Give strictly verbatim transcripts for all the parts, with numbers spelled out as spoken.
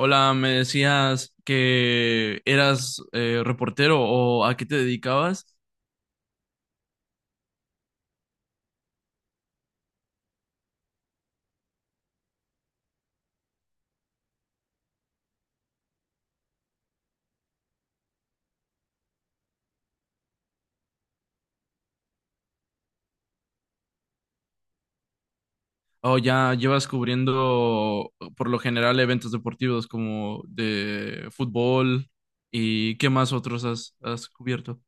Hola, me decías que eras eh, reportero o a qué te dedicabas, o ya llevas cubriendo por lo general eventos deportivos como de fútbol y qué más otros has, has cubierto.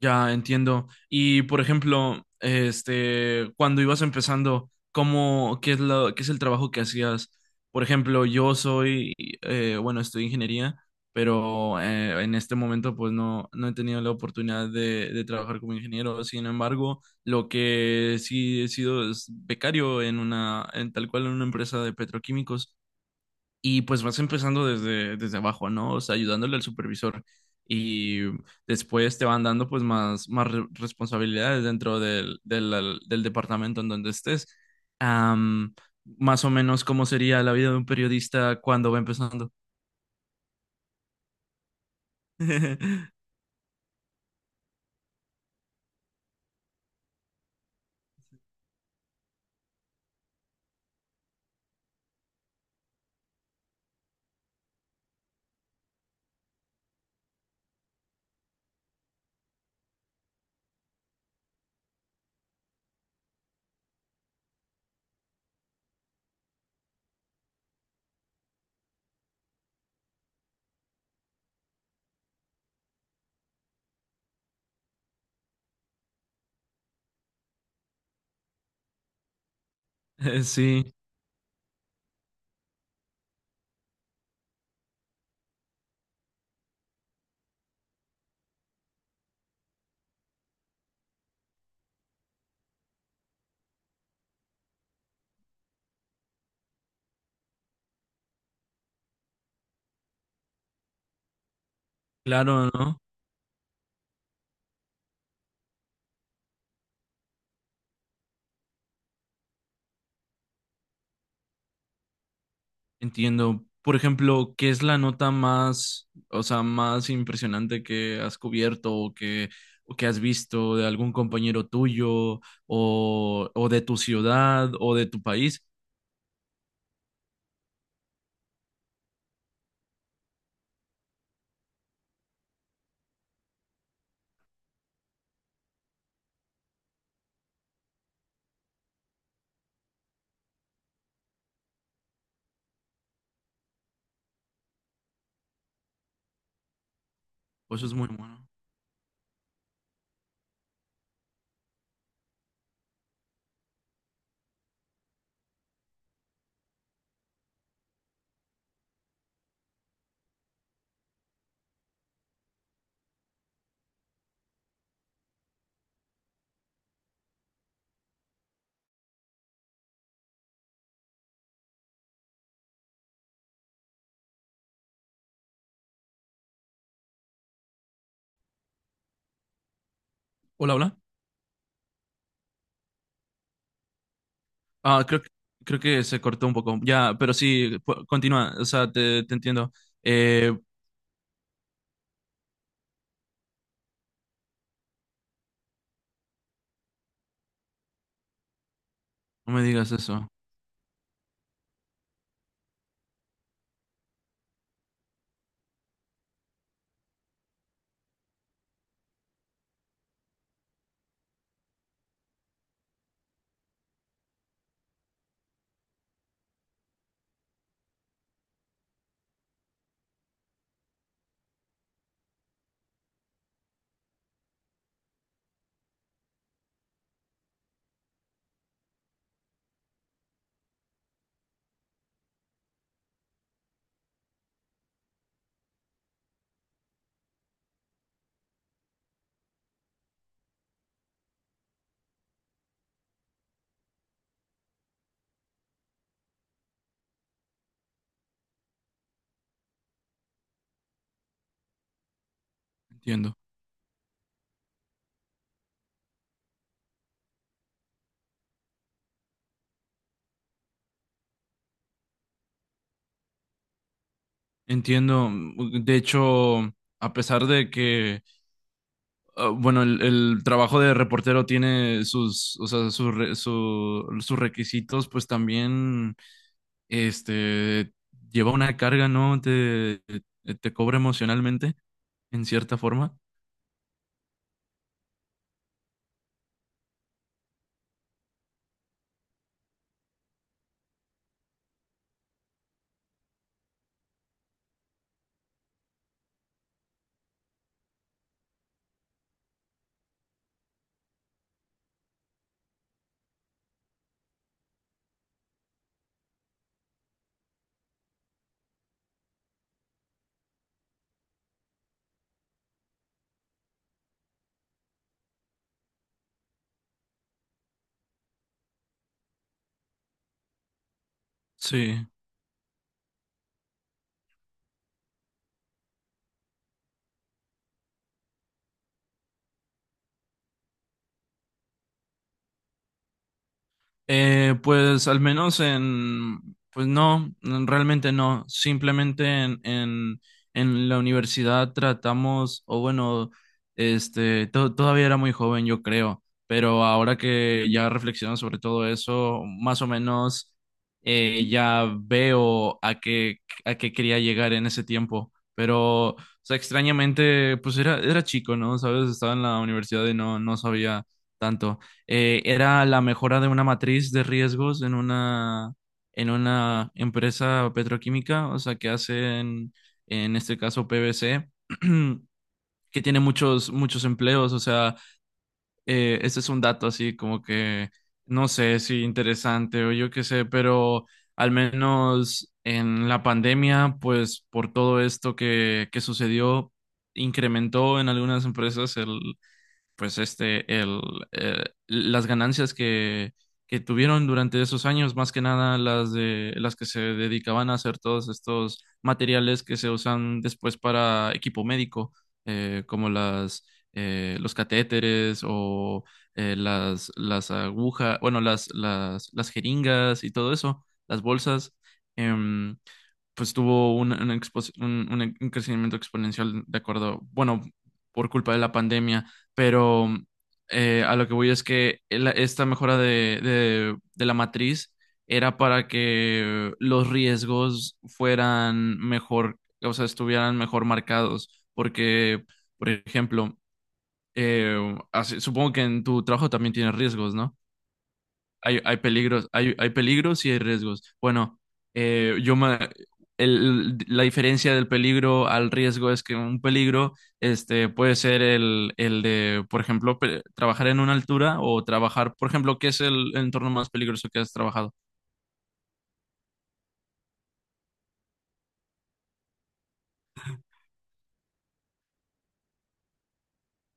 Ya entiendo. Y por ejemplo, este, cuando ibas empezando, ¿cómo, qué es lo, qué es el trabajo que hacías? Por ejemplo, yo soy, eh, bueno, estudio ingeniería, pero eh, en este momento pues no, no he tenido la oportunidad de, de trabajar como ingeniero. Sin embargo, lo que sí he sido es becario en una, en tal cual en una empresa de petroquímicos. Y pues vas empezando desde, desde abajo, ¿no? O sea, ayudándole al supervisor. Y después te van dando pues más, más re- responsabilidades dentro del, del, del departamento en donde estés. Am, Más o menos cómo sería la vida de un periodista cuando va empezando. Sí, claro, ¿no? Entiendo. Por ejemplo, ¿qué es la nota más, o sea, más impresionante que has cubierto o que, o que has visto de algún compañero tuyo o, o de tu ciudad o de tu país? Pues eso es muy bueno. Hola, hola. Ah, creo, que- creo que se cortó un poco. Ya, pero sí, pu- continúa. O sea, te, te entiendo. Eh, no me digas eso. Entiendo. Entiendo. De hecho, a pesar de que Ah, bueno, el, el trabajo de reportero tiene sus, o sea, sus, re- su- sus requisitos, pues también, este, lleva una carga, ¿no? Te, te cobra emocionalmente, en cierta forma. Sí. Eh, pues al menos en, pues no, n- realmente no. Simplemente en, en, en la universidad tratamos, o bueno, este, to- todavía era muy joven, yo creo, pero ahora que ya reflexiono sobre todo eso, más o menos eh, ya veo a qué, a qué quería llegar en ese tiempo. Pero, o sea, extrañamente, pues era, era chico, ¿no? ¿Sabes? Estaba en la universidad y no, no sabía tanto eh, era la mejora de una matriz de riesgos en una, en una empresa petroquímica, o sea, que hacen, en este caso, P V C, que tiene muchos, muchos empleos, o sea, eh, este es un dato así como que, no sé si interesante o yo qué sé, pero al menos en la pandemia, pues por todo esto que, que sucedió, incrementó en algunas empresas el, pues este, el, eh, las ganancias que, que tuvieron durante esos años, más que nada las de las que se dedicaban a hacer todos estos materiales que se usan después para equipo médico, eh, como las eh, los catéteres o eh, las las agujas, bueno, las, las las jeringas y todo eso, las bolsas. em, pues tuvo un, un expo- un- un crecimiento exponencial de acuerdo, bueno, por culpa de la pandemia pero eh, a lo que voy es que el- esta mejora de, de- de la matriz era para que los riesgos fueran mejor, o sea, estuvieran mejor marcados, porque, por ejemplo, eh, así- supongo que en tu trabajo también tienes riesgos, ¿no? Hay, hay peligros, hay, hay peligros y hay riesgos. Bueno, eh, yo me, el- la diferencia del peligro al riesgo es que un peligro este, puede ser el, el de, por ejemplo, pe- trabajar en una altura o trabajar, por ejemplo, ¿qué es el entorno más peligroso que has trabajado?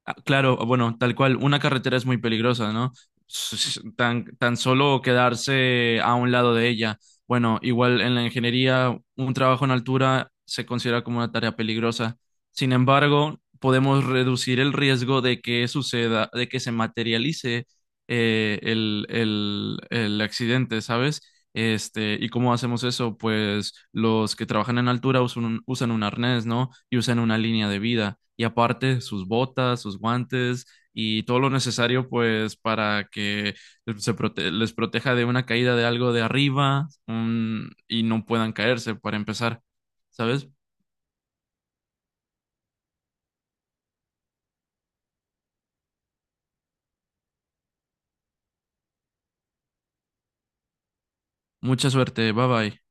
Ah, claro, ah, bueno, tal cual, una carretera es muy peligrosa, ¿no? S- s- Tan, tan solo quedarse a un lado de ella. Bueno, igual en la ingeniería, un trabajo en altura se considera como una tarea peligrosa. Sin embargo, podemos reducir el riesgo de que suceda, de que se materialice eh, el, el, el accidente, ¿sabes? Este, ¿y cómo hacemos eso? Pues los que trabajan en altura usan un, usan un arnés, ¿no? Y usan una línea de vida. Y aparte, sus botas, sus guantes y todo lo necesario, pues, para que se prote- les proteja de una caída de algo de arriba, un- y no puedan caerse para empezar. ¿Sabes? Mucha suerte. Bye bye.